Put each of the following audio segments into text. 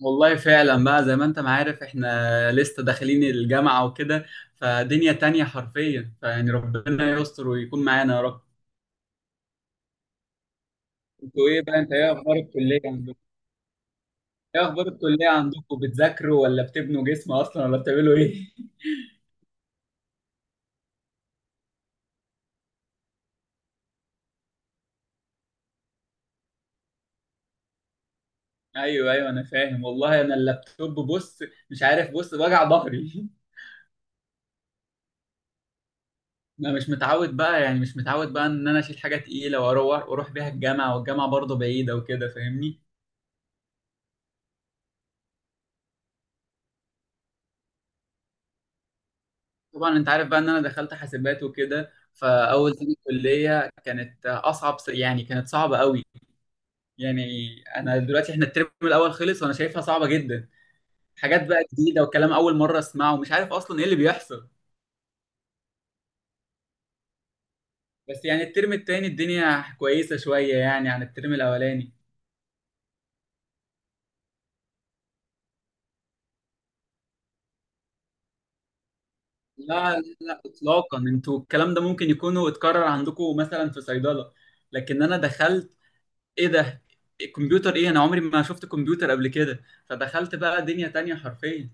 والله فعلا بقى، زي ما انت ما عارف، احنا لسه داخلين الجامعة وكده. فدنيا تانية حرفيا. فيعني ربنا يستر ويكون معانا يا رب. انتوا ايه بقى؟ انت ايه اخبار الكلية عندكم؟ ايه اخبار الكلية عندكم؟ بتذاكروا ولا بتبنوا جسم اصلا ولا بتعملوا ايه؟ ايوه ايوه، انا فاهم والله. انا اللابتوب، بص، مش عارف. بص، وجع ظهري. انا مش متعود بقى يعني، مش متعود بقى ان انا اشيل حاجة تقيلة واروح بيها الجامعة، والجامعة برضه بعيدة وكده، فاهمني؟ طبعا انت عارف بقى ان انا دخلت حاسبات وكده. فاول سنه كليه كانت اصعب، يعني كانت صعبه قوي. يعني انا دلوقتي، احنا الترم الاول خلص، وانا شايفها صعبه جدا. حاجات بقى جديده، وكلام اول مره اسمعه، ومش عارف اصلا ايه اللي بيحصل. بس يعني الترم التاني الدنيا كويسه شويه، يعني عن الترم الاولاني. لا لا لا اطلاقا. انتوا الكلام ده ممكن يكونوا اتكرر عندكم مثلا في صيدله، لكن انا دخلت. ايه ده، الكمبيوتر؟ ايه؟ انا عمري ما شفت كمبيوتر قبل كده. فدخلت بقى دنيا تانية حرفيا.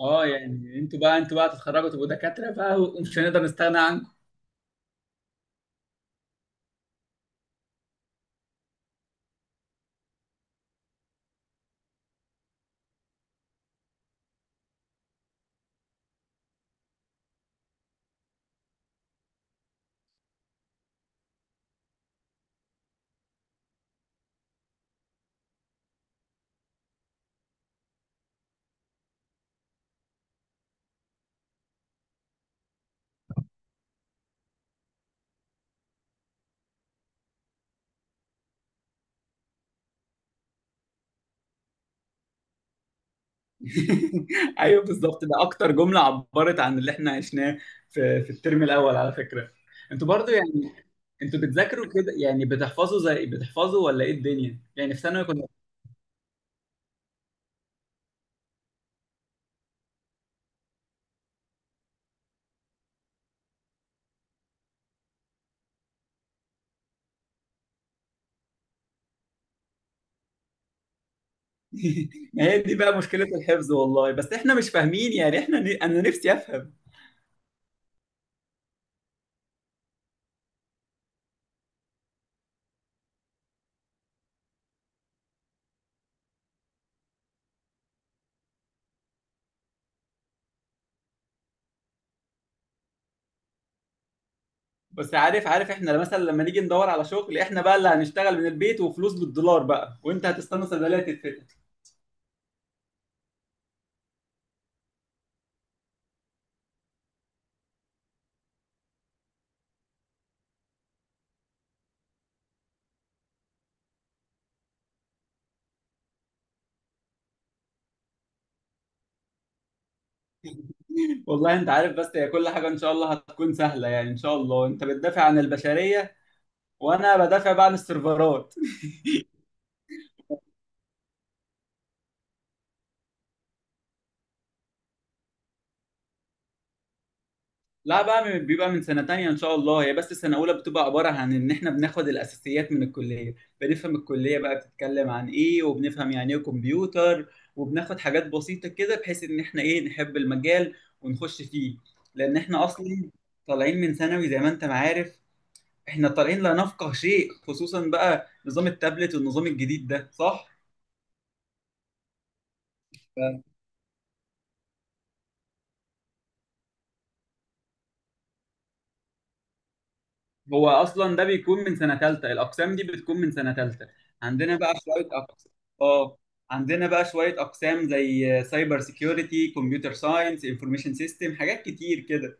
اه يعني، انتوا بقى، انتوا بقى تتخرجوا تبقوا دكاترة بقى، ومش هنقدر نستغنى عنكم. ايوه بالظبط، ده اكتر جملة عبرت عن اللي احنا عشناه في الترم الاول، على فكرة. انتوا برضو يعني، انتوا بتذاكروا كده يعني؟ بتحفظوا، زي بتحفظوا، ولا ايه الدنيا يعني في ثانوي كنا؟ ما هي دي بقى مشكلة الحفظ والله. بس احنا مش فاهمين يعني. احنا انا نفسي افهم. بس عارف احنا مثلا لما نيجي ندور على شغل، احنا بقى اللي هنشتغل من البيت وفلوس بالدولار بقى. وانت هتستنى صيدلية تتفتح. والله انت عارف، بس هي كل حاجه ان شاء الله هتكون سهله يعني. ان شاء الله انت بتدافع عن البشريه، وانا بدافع بقى عن السيرفرات. لا، بقى بيبقى من سنه تانية ان شاء الله. هي بس سنه اولى بتبقى عباره عن ان احنا بناخد الاساسيات من الكليه. بنفهم الكليه بقى بتتكلم عن ايه، وبنفهم يعني ايه كمبيوتر، وبناخد حاجات بسيطه كده، بحيث ان احنا ايه، نحب المجال ونخش فيه. لان احنا اصلا طالعين من ثانوي زي ما انت ما عارف. احنا طالعين لا نفقه شيء، خصوصا بقى نظام التابلت والنظام الجديد ده، صح؟ هو اصلا ده بيكون من سنه ثالثه. الاقسام دي بتكون من سنه ثالثه. عندنا بقى شويه اقسام. اه، عندنا بقى شويه اقسام زي سايبر سيكيورتي، كمبيوتر ساينس، انفورميشن سيستم، حاجات كتير كده.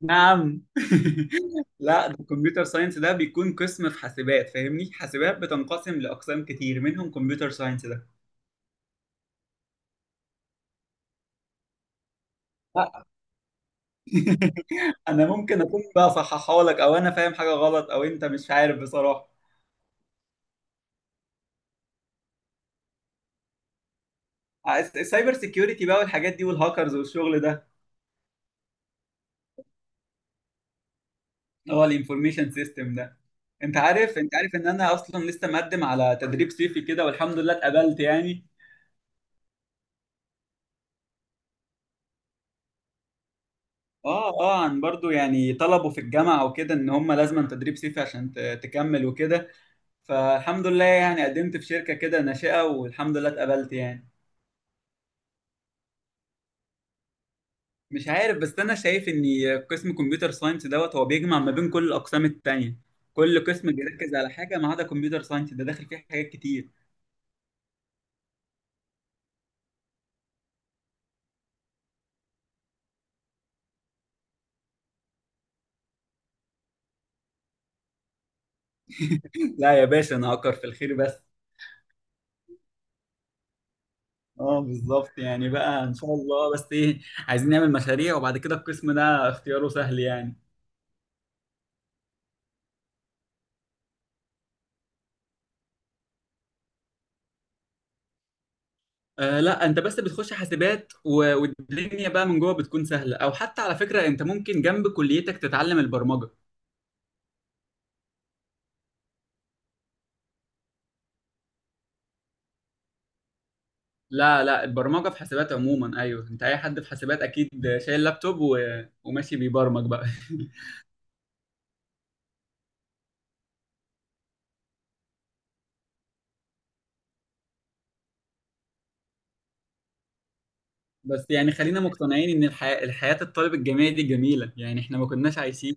نعم؟ لا، ده الكمبيوتر ساينس ده بيكون قسم في حاسبات، فاهمني. حاسبات بتنقسم لاقسام كتير، منهم كمبيوتر ساينس ده. لا. انا ممكن اكون بقى صححها لك، او انا فاهم حاجه غلط، او انت مش عارف بصراحه. السايبر سيكيورتي بقى والحاجات دي والهاكرز والشغل ده. هو الانفورميشن سيستم ده. انت عارف، انت عارف ان انا اصلا لسه مقدم على تدريب صيفي كده والحمد لله اتقبلت يعني. اه اه، عن برضو يعني. طلبوا في الجامعه وكده ان هم لازم تدريب صيفي عشان تكمل وكده. فالحمد لله يعني قدمت في شركه كده ناشئه والحمد لله اتقبلت يعني. مش عارف، بس انا شايف ان قسم كمبيوتر ساينس دوت هو بيجمع ما بين كل الاقسام التانية. كل قسم بيركز على حاجه ما عدا كمبيوتر ساينس ده، داخل فيه حاجات كتير. لا يا باشا، انا اكر في الخير بس. اه بالظبط، يعني بقى ان شاء الله. بس ايه، عايزين نعمل مشاريع، وبعد كده القسم ده اختياره سهل يعني. آه لا، انت بس بتخش حاسبات والدنيا بقى من جوه بتكون سهله. او حتى على فكره، انت ممكن جنب كليتك تتعلم البرمجه. لا لا، البرمجه في حاسبات عموما. ايوه، انت اي حد في حاسبات اكيد شايل لابتوب و... وماشي بيبرمج بقى. بس يعني خلينا مقتنعين ان الحياه الطالب الجامعي دي جميله يعني. احنا ما كناش عايشين.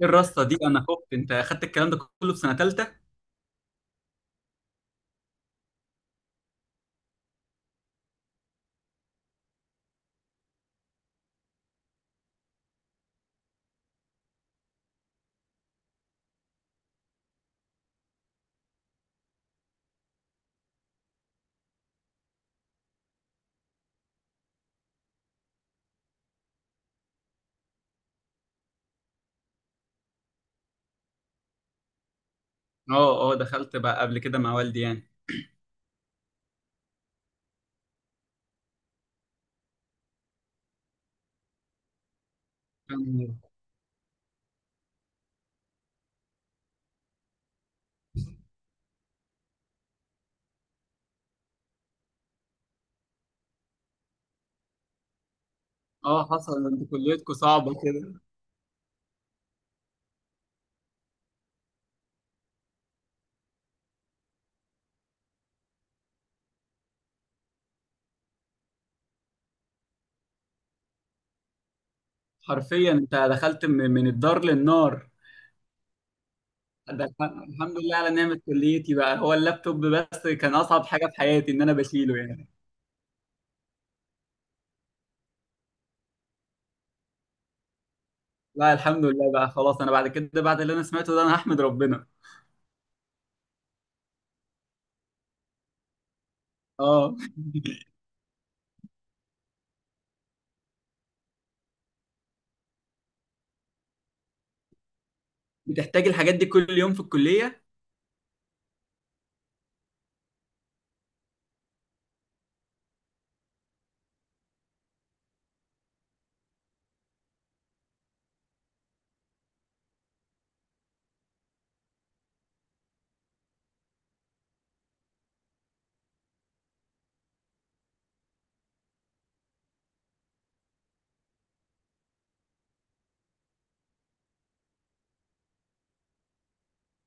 ايه الرصه دي؟ انا خفت. انت اخدت الكلام ده كله في سنه ثالثه؟ اه اه، دخلت بقى قبل كده مع والدي يعني. كان- اه حصل ده، انتوا كليتكم صعبة كده. حرفيا انت دخلت من الدار للنار. ده الحمد لله على نعمة كليتي بقى. هو اللابتوب بس كان أصعب حاجة في حياتي، إن أنا بشيله يعني. لا الحمد لله بقى، خلاص، أنا بعد كده، بعد اللي أنا سمعته ده، أنا هحمد ربنا. اه. بتحتاج الحاجات دي كل يوم في الكلية؟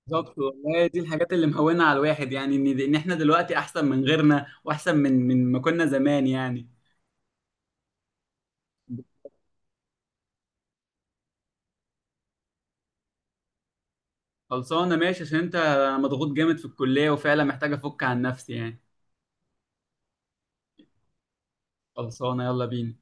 بالظبط والله. دي الحاجات اللي مهونة على الواحد يعني، إن إحنا دلوقتي أحسن من غيرنا، وأحسن من ما كنا زمان يعني. خلصانه ماشي، عشان انت، انا مضغوط جامد في الكليه وفعلا محتاج افك عن نفسي يعني. خلصانه يلا بينا.